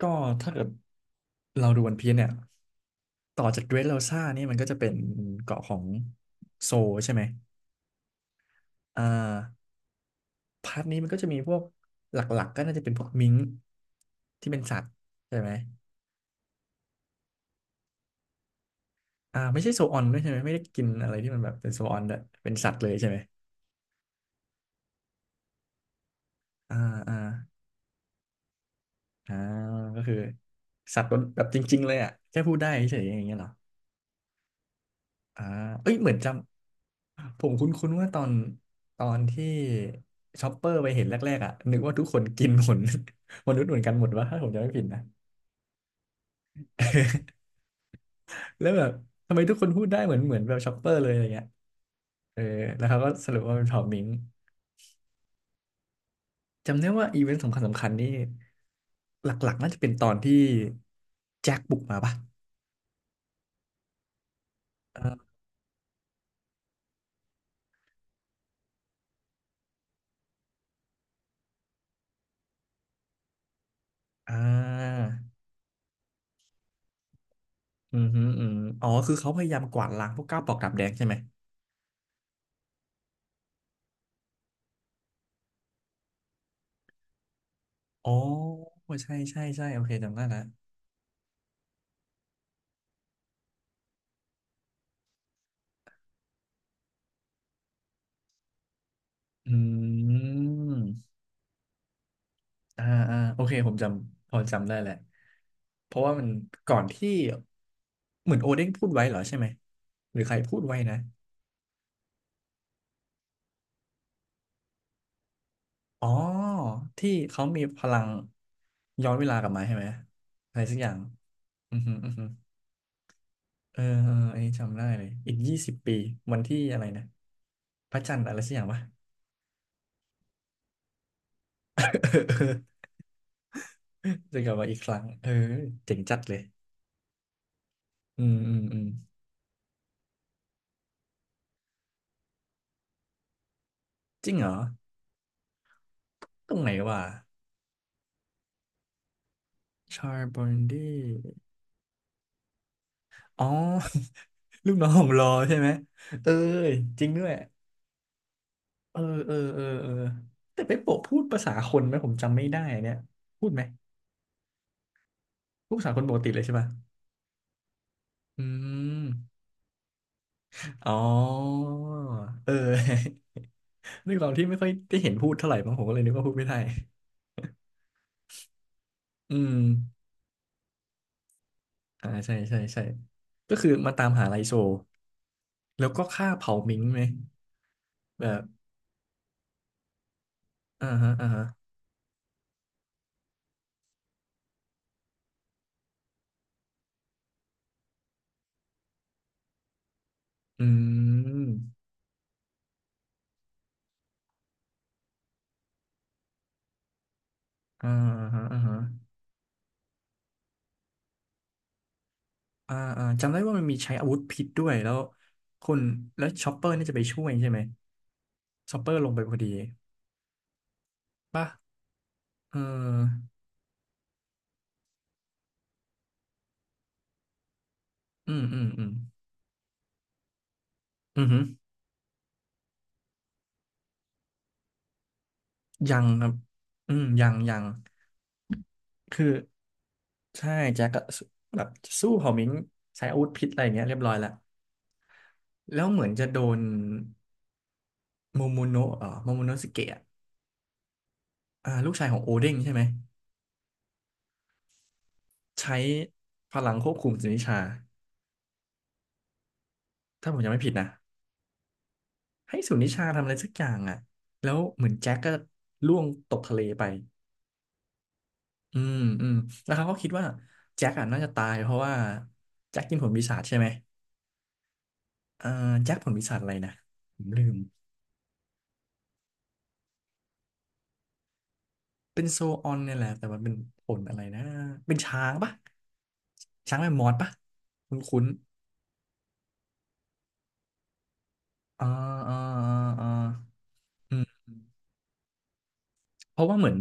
ก็ถ้าเกิดเราดูวันพีซเนี่ยต่อจากเดรสโรซ่านี่มันก็จะเป็นเกาะของโซลใช่ไหมอ่าพาร์ทนี้มันก็จะมีพวกหลักๆก็น่าจะเป็นพวกมิงค์ที่เป็นสัตว์ใช่ไหมไม่ใช่โซออนด้วยใช่ไหมไม่ได้กินอะไรที่มันแบบเป็นโซออนด้วยเป็นสัตว์เลยใช่ไหมอ่าอ่าอ่าก็คือสัตว์แบบจริงๆเลยอ่ะแค่พูดได้เฉยๆอย่างเงี้ยเหรอ อ่าเอ้ยเหมือนผมคุ้นๆว่าตอนที่ช็อปเปอร์ไปเห็นแรกๆอ่ะนึกว่าทุกคนกินผล มนุษย์เหมือนกันหมดวะถ้าผมจำไม่ผิดนะ แล้วแบบทำไมทุกคนพูดได้เหมือนแบบช็อปเปอร์เลยอะไรเงี้ยเออแล้วเขาก็สรุปว่าเป็นเผ่ามิงจำได้ว่าอีเวนต์สำคัญนี่หลักๆน่าจะเป็นตอนที่แจ็คบุกมาปะอ่าอ่าอืมฮึอืมอ๋อคือเขาพยายามกวาดล้างพวกก้าวปอกดาบแดงใช่ไหมอ๋อใช่ใช่ใช่โอเคจำได้ละ อืมอ่าอ่าโอเค ผมจำ พอจำได้แหละ เพราะว่ามันก่อนที่เหมือนโอเด้งพูดไว้เหรอใช่ไหมหรือใครพูดไว้นะอ๋อที่เขามีพลังย้อนเวลากลับมาใช่ไหม อะไรสักอย่างอือฮึอือฮึเออเอออันนี้จำได้เลย อีก20 ปีวันที่อะไรนะ พระจันทร์อะไรสักอย่างปะ เออเออ จะกลับมาอีกครั้งเออเจ๋งจัดเลยอืมอืมอืมจริงเหรอ ตรงไหนวะ ชาร์บอนดี้อ๋อ ลูกน้องของรอใช่ไหม เออจริงด้วย เออเออเออเออแต่ไปโปะพูดภาษาคนไหมผมจำไม่ได้เนี่ยพูดไหม พูดภาษาคนปกติเลยใช่ป่ะอืมอ๋อ เออ นึกตอนที่ไม่ค่อยได้เห็นพูดเท่าไหร่มั้งผมก็เลยนึกว่าพูดไม่ได้อืมใช่ใช่ใช่ก็คือมาตามหาไลโซแล้วก็ฆ่าเผามิงไหมแบบอ่าฮะอ่าฮะอืมอ่าฮะอ่าฮะ จำได้ว่ามันมีใช้อาวุธพิษด้วยแล้วคุณแล้วชอปเปอร์นี่จะไปช่วยใช่ไหมชอปเปอร์ลงไปพอดีป่ะเอออืมอืมอืมอืมอหือยังครับอืมยังยังคือใช่แจ็คก็สู้แบบสู้เผ่ามิงใช้อาวุธพิษอะไรอย่างเงี้ยเรียบร้อยแล้วแล้วเหมือนจะโดนโมโมโนะโมโมโนะสเกะลูกชายของโอเด้งใช่ไหมใช้พลังควบคุมสุนิชาถ้าผมจำไม่ผิดนะ ให้สุนิชาทำอะไรสักอย่างอ่ะแล้วเหมือนแจ็คก็ล่วงตกทะเลไปอืมอืมแล้วเขาก็คิดว่าแจ็คอ่ะน่าจะตายเพราะว่าแจ็คกินผลปีศาจใช่ไหมเออแจ็คผลปีศาจอะไรนะผมลืมเป็นโซออนเนี่ยแหละแต่มันเป็นผลอะไรนะเป็นช้างปะช้างแมมมอสปะคุ้นคุ้นอ่าอ่าอ่าอืมเพราะว่าเหมือน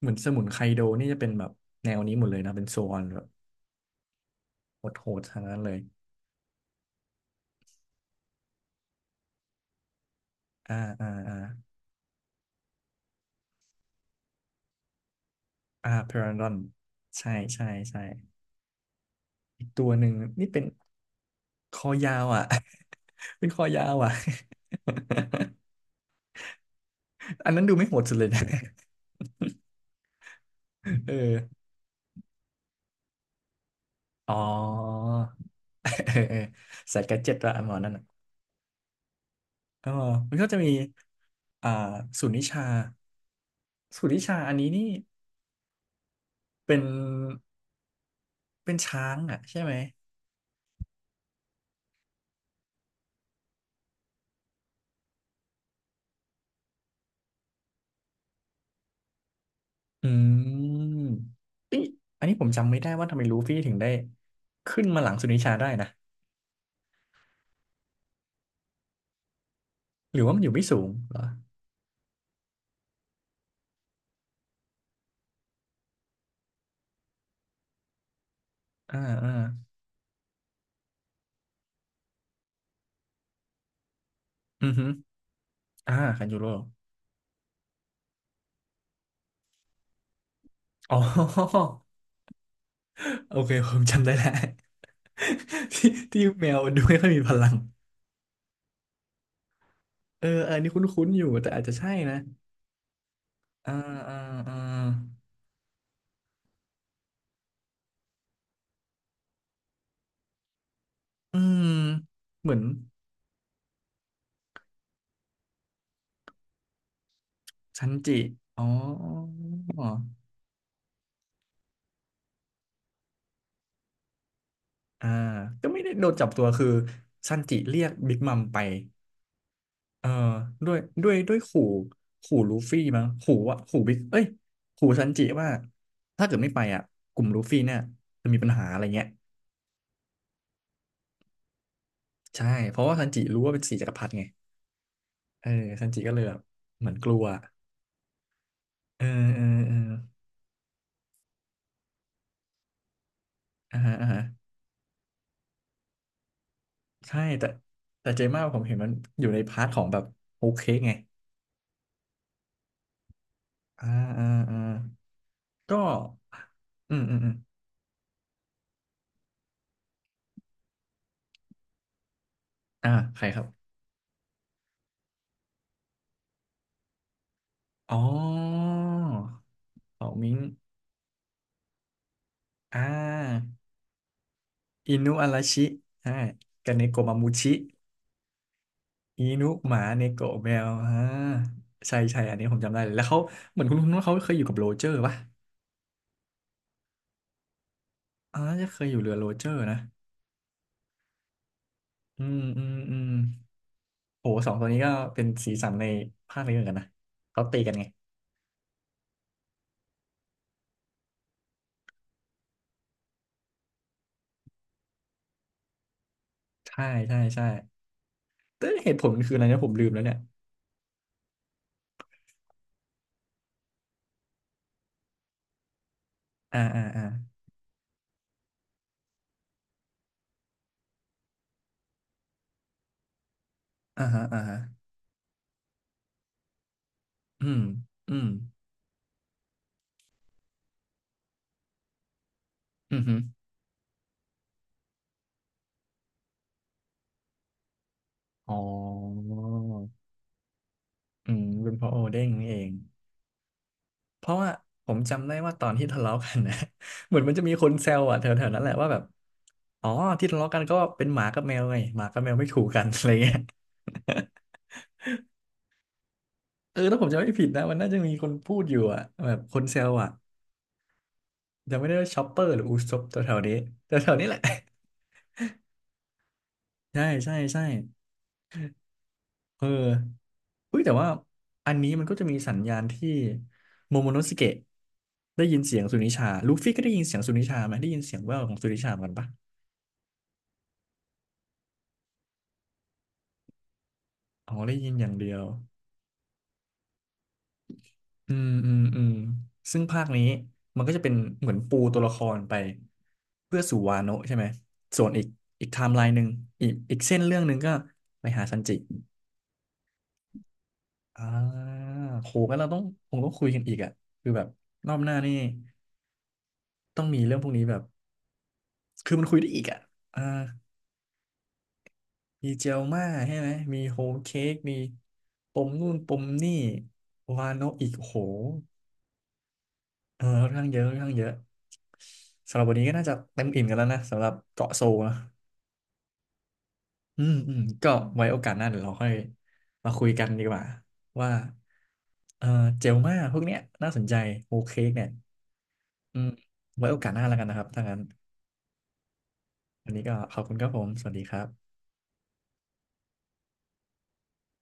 เหมือนสมุนไคโดนี่จะเป็นแบบแนวนี้หมดเลยนะเป็นโซออนแบบโหดๆทางนั้นเลยอ่าอ่าอ่า เพรันดอนใช่ใช่ใช่อีกตัวหนึ่งนี่เป็นคอยาวอ่ะ เป็นคอยาวอ่ะ อันนั้นดูไม่โหดสุดเลยนะ เอออ๋อ เออเออใสายแกดเจ็ตละอันหมอนั่นอ่ะเออมันก็จะมีอ่าศูนย์วิชาศูนย์วิชาอันนี้นี่เป็นช้างอ่ะใช่ไหมอืมเอยอันนี้ผมจำไม่ได้ว่าทำไมลูฟี่ถึงได้ขึ้นมาหลังสุนิชาได้นะ หรือว่ามันอยู่ไม่สูงเหรอ อ่าอ่า อือฮึอ่าคันยูโรอ๋อ โอเคผมจำได้แล้ว ที่ที่แมวดูไม่ค่อยมีพลัง เอออันนี้คุ้นๆอยู่แต่อาจจะใช่นะ อ่าอ่าอ่า อืม เหมือนซันจิ อ๋ออ่า ก็ไม่ได้โดนจับตัวคือซันจิเรียกบิ๊กมัมไป เออด้วยขู่ขู่ลูฟี่มั้งขู่ว่าขู่บิ๊กเอ้ยขู่ซันจิว่าถ้าเกิดไม่ไปอ่ะกลุ่มลูฟี่เนี่ยจะมีปัญหาอะไรเงี้ยใช่เพราะว่าซันจิรู้ว่าเป็นสี่จักรพรรดิไงเออซันจิก็เลยแบบเหมือนกลัวเออเออเอออ่าฮะอ่าฮะใช่แต่แต่เจม่าผมเห็นมันอยู่ในพาร์ทของแบบโอเคไงอ่าอ่าอ่าก็อืมอืมอืมอ่าใครครับอ๋อเป่ามิงอ่า อินุอาราชิอ่ากับเนโกะมามูชิอินุหมาเนโกะแมวอ่าใช่ใช่อันนี้ผมจำได้เลย แล้วเขาเหมือนคุณว่าเขาเคยอยู่กับโรเจอร์ป่ะน่าจะเคยอยู่เรือโรเจอร์นะ อืมอืมอืมโหสองตัวนี้ก็เป็นสีสันในภาคนี้เหมือนกันนะเขาตีกันไง ใช่ใช่ใช่แต่เหตุผลมันคืออะไรนะผมลืมแล้วเนี่ย อ่าอ่าอ่าอ่าฮะอ่าฮะอืมอืมอืมอือ๋ออืมเป็นเพราะโอเด้งนี่เอง เพราะว่าผมจำได้ว่าตอนที่ทะเลาะกันนะ เหมือนมันจะมีคนแซวอ่ะแถวๆนั้นแหละว่าแบบอ๋อที่ทะเลาะกันก็เป็นหมากับแมวไงหมากับแมวไม่ถูกกัน อะไรเงี้ย เออถ้าผมจำไม่ผิดนะมันน่าจะมีคนพูดอยู่อ่ะแบบคนแซวอ่ะจำไม่ได้ว่าชอปเปอร์หรืออูซบแถวๆนี้แถวๆนี้แหละ ใช่ใช่ใช่เออเฮ้ยแต่ว่าอันนี้มันก็จะมีสัญญาณที่โมโมโนสเกะได้ยินเสียงสุนิชาลูฟี่ก็ได้ยินเสียงสุนิชาไหมได้ยินเสียงแว่วของสุนิชาเหมือนกันปะอ๋อได้ยินอย่างเดียว อืมอืมอืมซึ่งภาคนี้มันก็จะเป็นเหมือนปูตัวละครไปเพื่อสู่วาโนะใช่ไหมส่วนอีกไทม์ไลน์หนึ่งอีกเส้นเรื่องหนึ่งก็ไปหาซันจิอ่าโหงั้นเราต้องคงต้องคุยกันอีกอ่ะคือแบบรอบหน้านี่ต้องมีเรื่องพวกนี้แบบคือมันคุยได้อีกอ่ะอ่ามีเจลมาใช่ไหมมีโฮมเค้กมีปมนู่นปมนี่วาโนะอีกโห เออค่อนข้างเยอะค่อนข้างเยอะสำหรับวันนี้ก็น่าจะเต็มอิ่มกันแล้วนะสำหรับเกาะโซลนะอืมอืมก็ไว้โอกาสหน้าเดี๋ยวเราค่อยมาคุยกันดีกว่าว่าเออเจลมาพวกเนี้ยน่าสนใจโอเคเนี่ยอืมไว้โอกาสหน้าแล้วกันนะครับถ้างั้นวันนี้ก็ขอบคุณครับผมสวัสดีครับ